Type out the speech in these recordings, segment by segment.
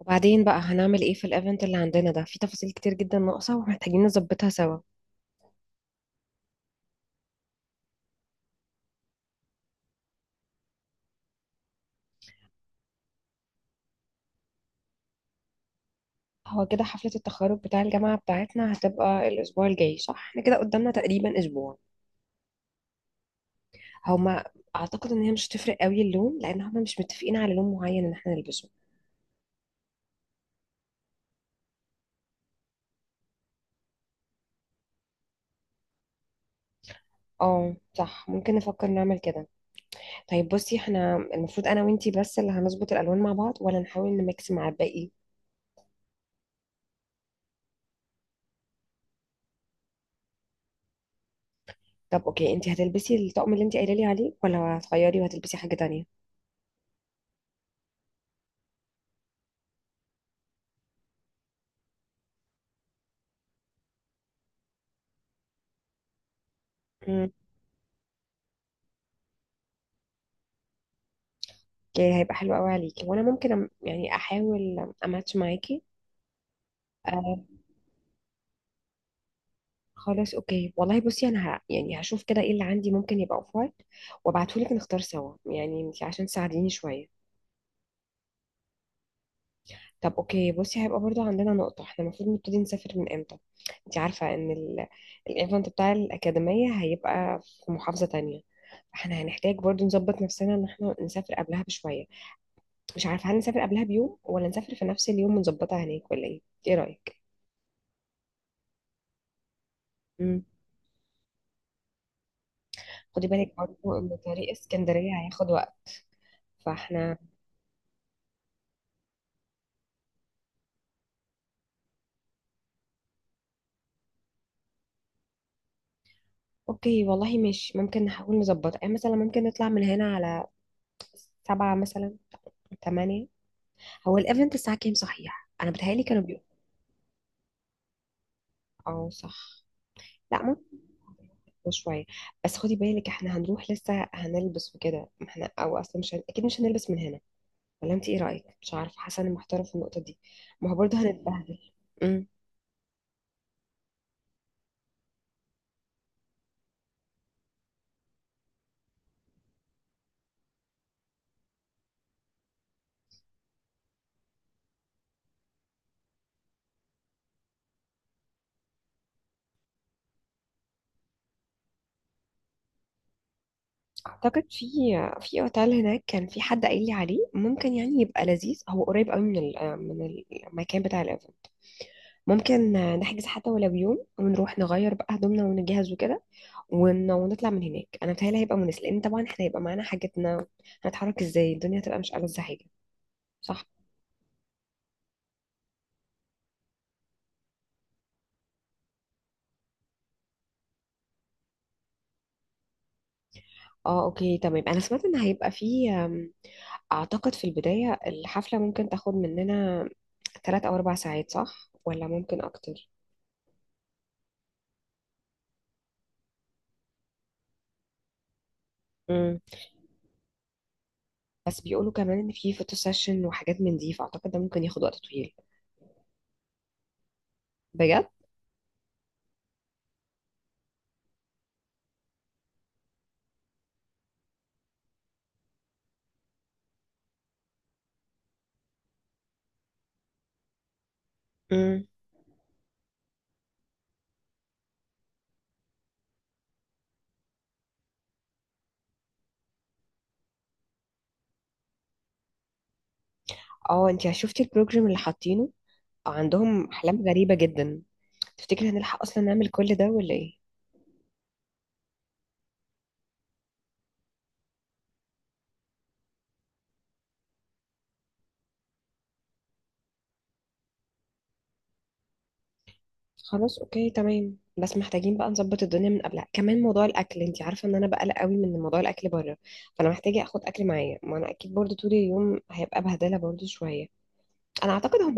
وبعدين بقى هنعمل ايه في الايفنت اللي عندنا ده؟ في تفاصيل كتير جدا ناقصة ومحتاجين نظبطها سوا. هو كده حفلة التخرج بتاع الجامعة بتاعتنا هتبقى الأسبوع الجاي صح؟ احنا كده قدامنا تقريبا أسبوع. هما أعتقد إن هي مش هتفرق قوي اللون، لأن هما مش متفقين على لون معين إن احنا نلبسه. اه، صح، ممكن نفكر نعمل كده. طيب بصي، احنا المفروض أنا وإنتي بس اللي هنظبط الألوان مع بعض ولا نحاول نميكس مع الباقي؟ طب اوكي، انتي هتلبسي الطقم اللي انتي قايله لي عليه ولا هتغيري وهتلبسي حاجة تانية؟ اوكي، هيبقى حلو قوي عليكي، وانا ممكن يعني احاول اماتش معاكي. آه. خلاص اوكي، والله بصي انا يعني هشوف كده ايه اللي عندي ممكن يبقى اوف وايت، وابعتهولك نختار سوا، يعني انتي عشان تساعديني شويه. طب اوكي بصي، هيبقى برضو عندنا نقطه، احنا المفروض نبتدي نسافر من امتى؟ انتي عارفه ان الايفنت بتاع الاكاديميه هيبقى في محافظه تانية، فاحنا هنحتاج برضو نظبط نفسنا ان احنا نسافر قبلها بشويه. مش عارفه، هل نسافر قبلها بيوم ولا نسافر في نفس اليوم ونظبطها هناك ولا ايه؟ ايه رايك؟ خدي بالك برضه ان طريق اسكندرية هياخد وقت. فاحنا. اوكي والله، مش ممكن نحاول نظبطها؟ يعني مثلا ممكن نطلع من هنا على 7 مثلا، 8. هو الايفنت الساعة كام صحيح؟ انا بتهيألي كانوا بيقولوا. اه صح. لا ممكن. شوية. بس خدي بالك احنا هنروح لسه هنلبس وكده، ما احنا او اصلا مش اكيد مش هنلبس من هنا. ولا انت ايه رأيك؟ مش عارفة، حاسة اني محتارة في النقطة دي، ما هو برضه هنتبهدل. اعتقد في اوتيل هناك كان في حد قايل لي عليه، ممكن يعني يبقى لذيذ، هو قريب قوي من المكان بتاع الايفنت. ممكن نحجز حتى ولو بيوم ونروح نغير بقى هدومنا ونجهز وكده، ونطلع من هناك. انا بتهيألي هيبقى مناسب، لان طبعا احنا هيبقى معانا حاجتنا، هنتحرك ازاي؟ الدنيا هتبقى مش ألذ حاجه. صح. اه اوكي تمام، انا سمعت ان هيبقى في أم، اعتقد في البدايه الحفله ممكن تاخد مننا 3 او 4 ساعات صح، ولا ممكن اكتر؟ بس بيقولوا كمان ان في فوتو سيشن وحاجات من دي، فاعتقد ده ممكن ياخد وقت طويل. بجد. امم. اه. انت شفتي البروجرام اللي حاطينه؟ آه، عندهم احلام غريبه جدا. تفتكري هنلحق اصلا نعمل كل ده ولا ايه؟ خلاص اوكي تمام، بس محتاجين بقى نظبط الدنيا من قبلها. كمان موضوع الاكل، انت عارفه ان انا بقلق قوي من موضوع الاكل بره، فانا محتاجه اخد اكل معايا، ما انا اكيد برضو طول اليوم هيبقى بهدله برضو شويه. انا اعتقد هم.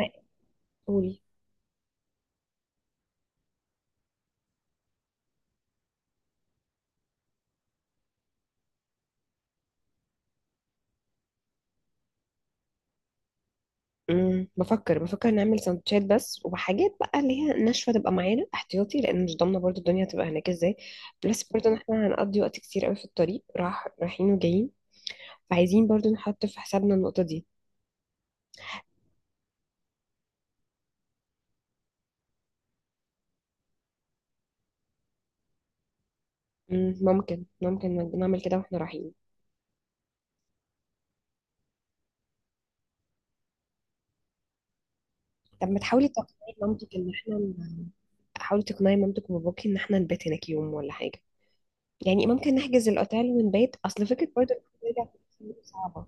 قولي. بفكر نعمل سندوتشات بس، وحاجات بقى اللي هي ناشفه تبقى معانا احتياطي، لان مش ضامنه برضو الدنيا هتبقى هناك ازاي. بلس برضو ان احنا هنقضي وقت كتير قوي في الطريق رايحين وجايين، فعايزين برضو نحط في حسابنا النقطه دي. ممكن نعمل كده واحنا رايحين. طب ما تحاولي تقنعي مامتك ان احنا حاولي تقنعي مامتك وباباكي ان احنا نبات هناك يوم ولا حاجه، يعني ممكن نحجز الاوتيل ونبات، اصل فكره برضو ان احنا نرجع في الفندق صعبه.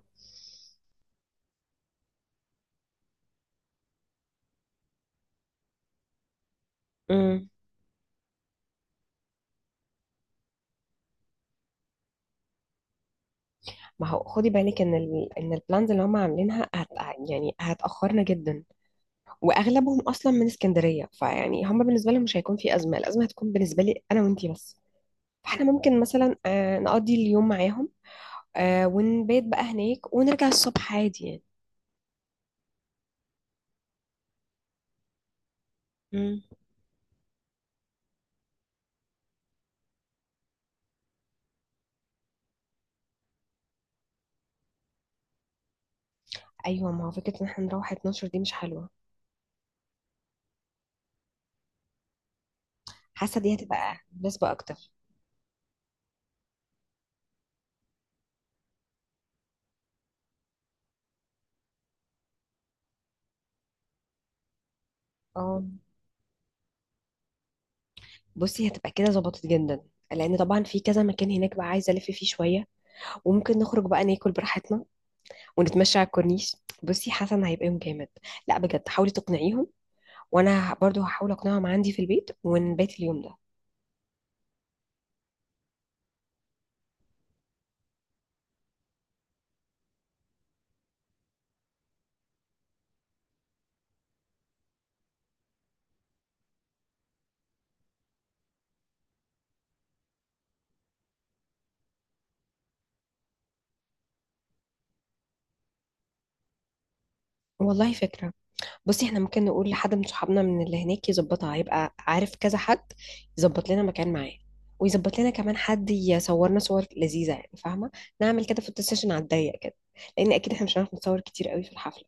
امم. ما هو خدي بالك ان ان البلانز اللي هم عاملينها يعني هتأخرنا جدا، واغلبهم اصلا من اسكندريه، فيعني هم بالنسبه لهم مش هيكون في ازمه، الازمه هتكون بالنسبه لي انا وانتي بس. فاحنا ممكن مثلا نقضي اليوم معاهم، ونبيت بقى هناك ونرجع الصبح عادي يعني. مم. ايوه، ما هو فكره ان احنا نروح 12 دي مش حلوه. حاسه دي هتبقى مناسبه اكتر. اه. بصي هتبقى كده ظبطت جدا، لان طبعا في كذا مكان هناك بقى عايزه الف فيه شويه، وممكن نخرج بقى ناكل براحتنا، ونتمشى على الكورنيش. بصي حسن هيبقى يوم جامد. لا بجد، حاولي تقنعيهم، وانا برضو هحاول اقنعهم عندي في البيت ونبات اليوم ده. والله فكرة. بصي احنا ممكن نقول لحد من صحابنا من اللي هناك يظبطها، هيبقى عارف كذا حد يظبط لنا مكان معاه، ويظبط لنا كمان حد يصورنا صور لذيذة، يعني فاهمة؟ نعمل كده فوتو سيشن على الضيق كده، لان اكيد احنا مش هنعرف نتصور كتير قوي في الحفلة.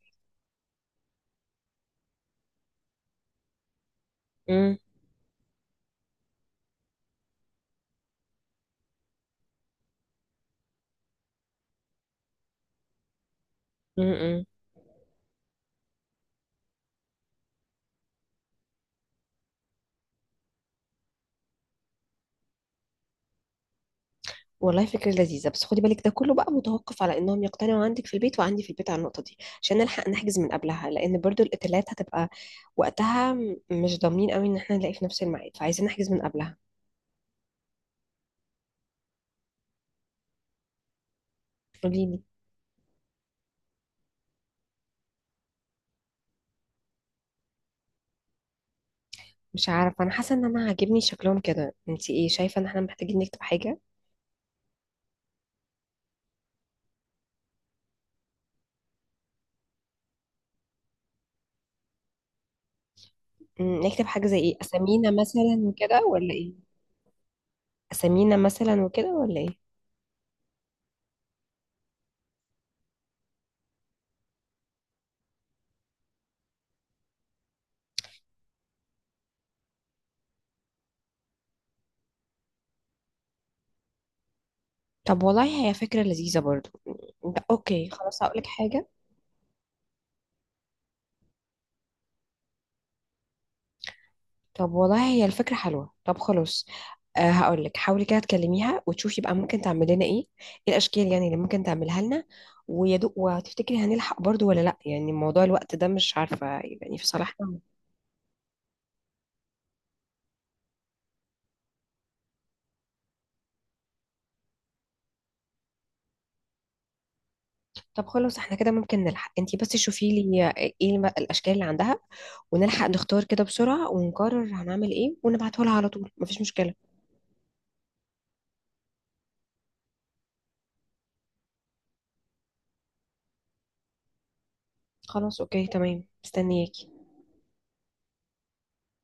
امم. والله فكرة لذيذة، بس خدي بالك ده كله بقى متوقف على انهم يقتنعوا عندك في البيت وعندي في البيت على النقطة دي، عشان نلحق نحجز من قبلها، لان برضو الاوتيلات هتبقى وقتها، مش ضامنين قوي ان احنا نلاقي في نفس الميعاد، فعايزين نحجز من قبلها. قولي لي. مش عارفة، انا حاسة ان انا عاجبني شكلهم كده، انت ايه شايفة؟ ان احنا محتاجين نكتب حاجة؟ نكتب حاجة زي ايه؟ اسامينا مثلا وكده ولا ايه؟ اسامينا مثلا وكده ولا ايه؟ طب والله هي فكرة لذيذة برضو. ده اوكي، خلاص هقولك حاجة. طب والله هي الفكرة حلوة، طب خلاص. أه، هقول لك حاولي كده تكلميها وتشوفي بقى ممكن تعمل لنا ايه، ايه الاشكال يعني اللي ممكن تعملها لنا. ويا دوب، وهتفتكري هنلحق برضو ولا لا؟ يعني موضوع الوقت ده مش عارفة يعني في صالحنا. طب خلاص، احنا كده ممكن نلحق، انتي بس شوفي لي ايه الاشكال اللي عندها، ونلحق نختار كده بسرعة ونقرر هنعمل ايه ونبعته لها على طول، مفيش مشكلة. خلاص اوكي تمام، مستنياكي.